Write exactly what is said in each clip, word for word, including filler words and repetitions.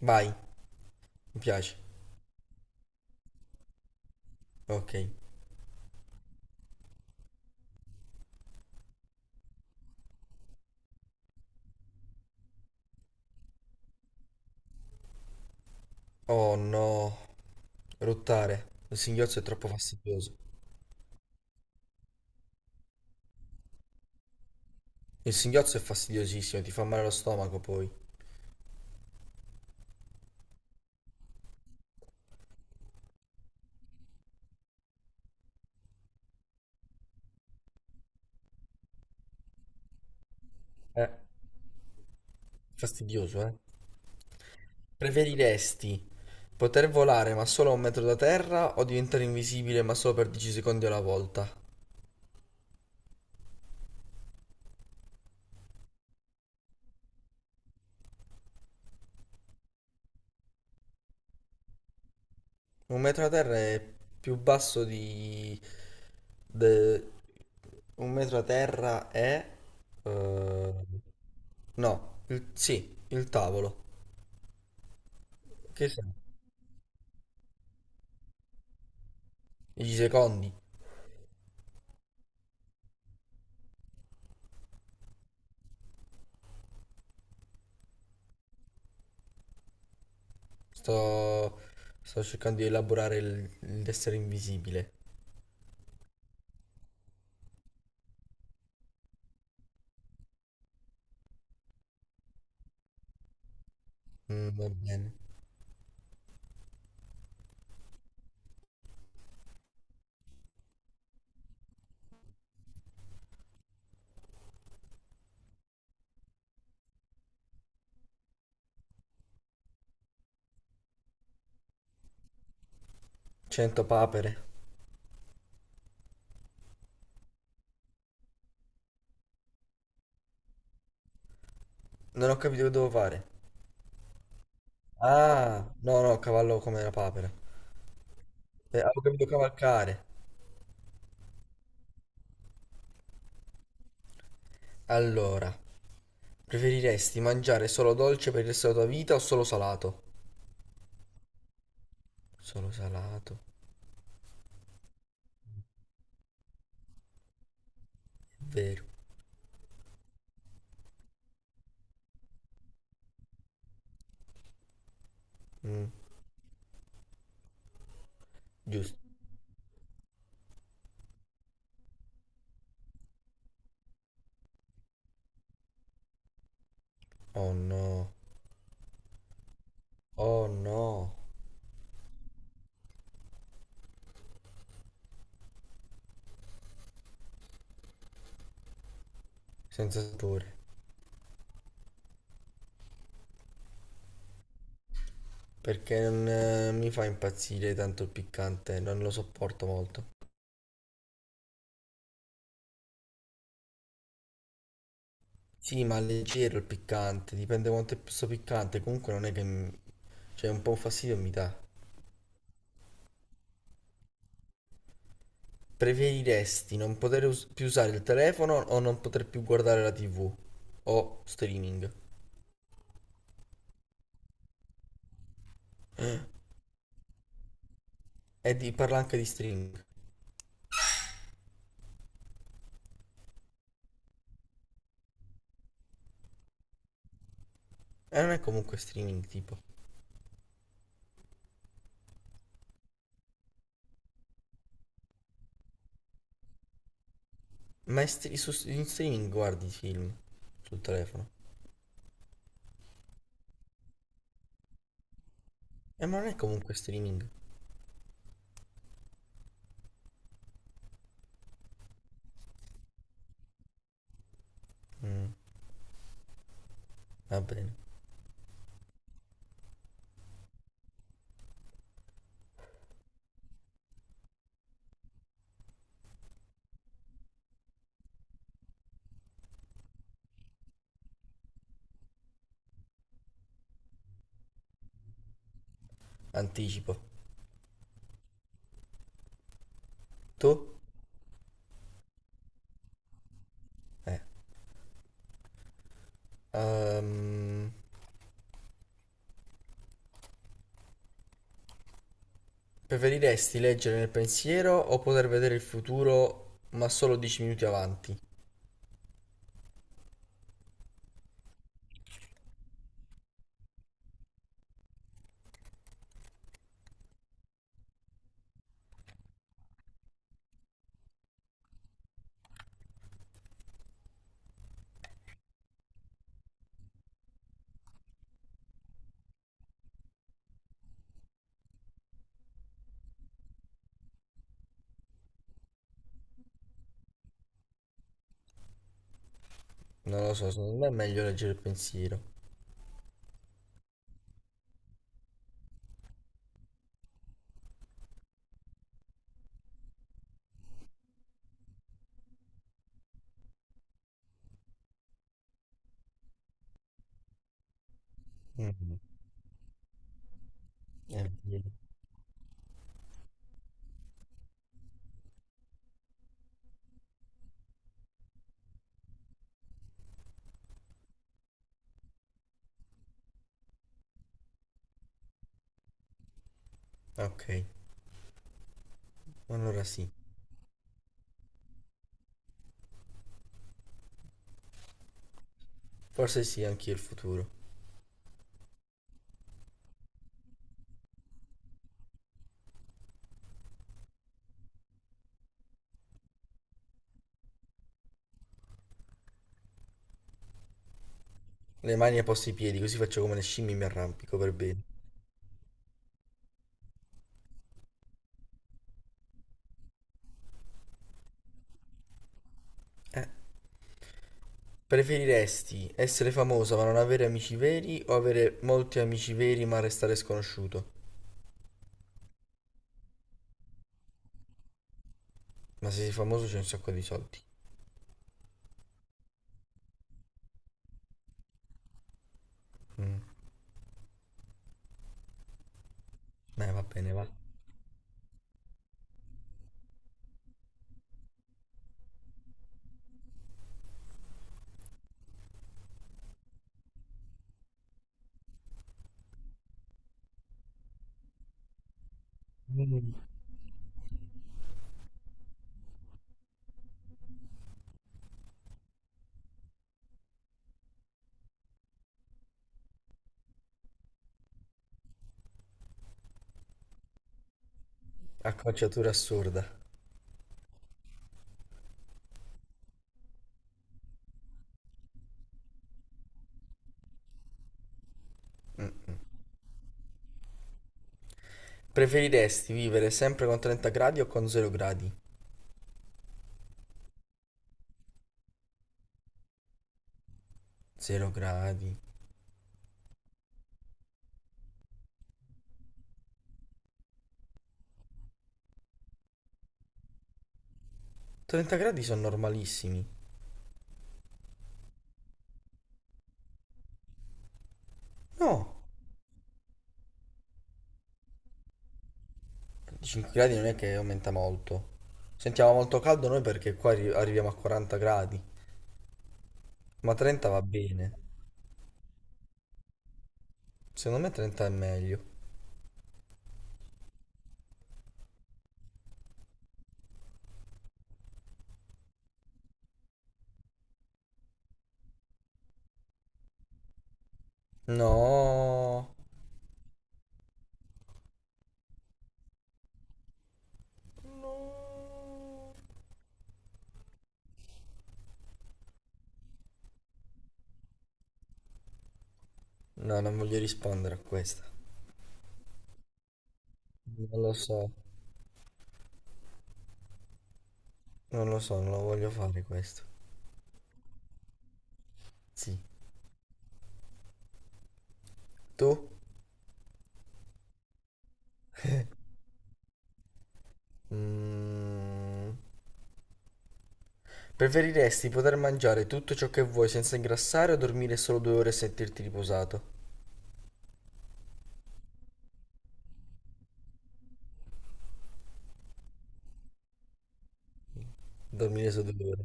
Vai, mi piace. Ok. Oh no, rottare. Il singhiozzo è troppo fastidioso. Il singhiozzo è fastidiosissimo, ti fa male lo stomaco poi. Eh, fastidioso, eh. Preferiresti poter volare ma solo a un metro da terra o diventare invisibile ma solo per dieci secondi alla volta? Un metro da terra è più basso di... de- Un metro da terra è... eh, No, il- sì, il tavolo. Che sei? dieci secondi. Sto, sto cercando di elaborare il- l'essere invisibile. Mm, va bene. cento papere. Non ho capito che devo fare. Ah, no, no, cavallo come una papera. Eh, avevo capito cavalcare. Allora, preferiresti mangiare solo dolce per il resto della tua vita o solo salato? Solo salato, è vero. Mm, giusto. Oh no. Oh no. Senza sapore. Perché non eh, mi fa impazzire tanto il piccante, non lo sopporto molto. Sì, ma leggero il piccante, dipende quanto è sto piccante, comunque non è che... mi- Cioè, un po' un fastidio mi dà. Preferiresti non poter us- più usare il telefono o non poter più guardare la T V? O streaming? E di- parla anche di streaming. E non è comunque streaming, tipo. Ma è stre- su- in streaming guardi i film sul telefono. E ma non è comunque streaming. Mm, va bene. Anticipo. Tu? Eh. Ehm, preferiresti leggere nel pensiero o poter vedere il futuro ma solo dieci minuti avanti? Non lo so, secondo me è meglio leggere il pensiero. Mm, è vero. Ok, allora sì. Forse sì, anch'io il futuro. Le mani ai posti i piedi, così faccio come le scimmie e mi arrampico per bene. Eh, preferiresti essere famosa ma non avere amici veri o avere molti amici veri ma restare sconosciuto? Ma se sei famoso c'è un sacco di soldi. Mm. Eh, va bene, va. Acconciatura assurda. Preferiresti vivere sempre con trenta gradi o con zero gradi? zero gradi. trenta gradi sono normalissimi. No, cinque gradi non è che aumenta molto. Sentiamo molto caldo noi perché qua arri- arriviamo a quaranta gradi. Ma trenta va bene. Secondo me trenta è meglio. No. No. No, non voglio rispondere a questa. Non lo so. Non lo so, non lo voglio fare questo. Sì. Tu? Mm. Preferiresti poter mangiare tutto ciò che vuoi senza ingrassare o dormire solo due ore e sentirti riposato? Dormire solo due ore.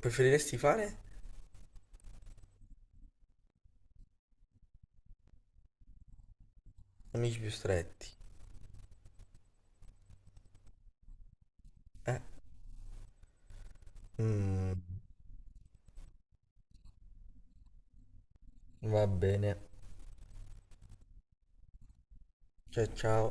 Preferiresti fare amici più stretti? Mm, va bene. Ciao ciao.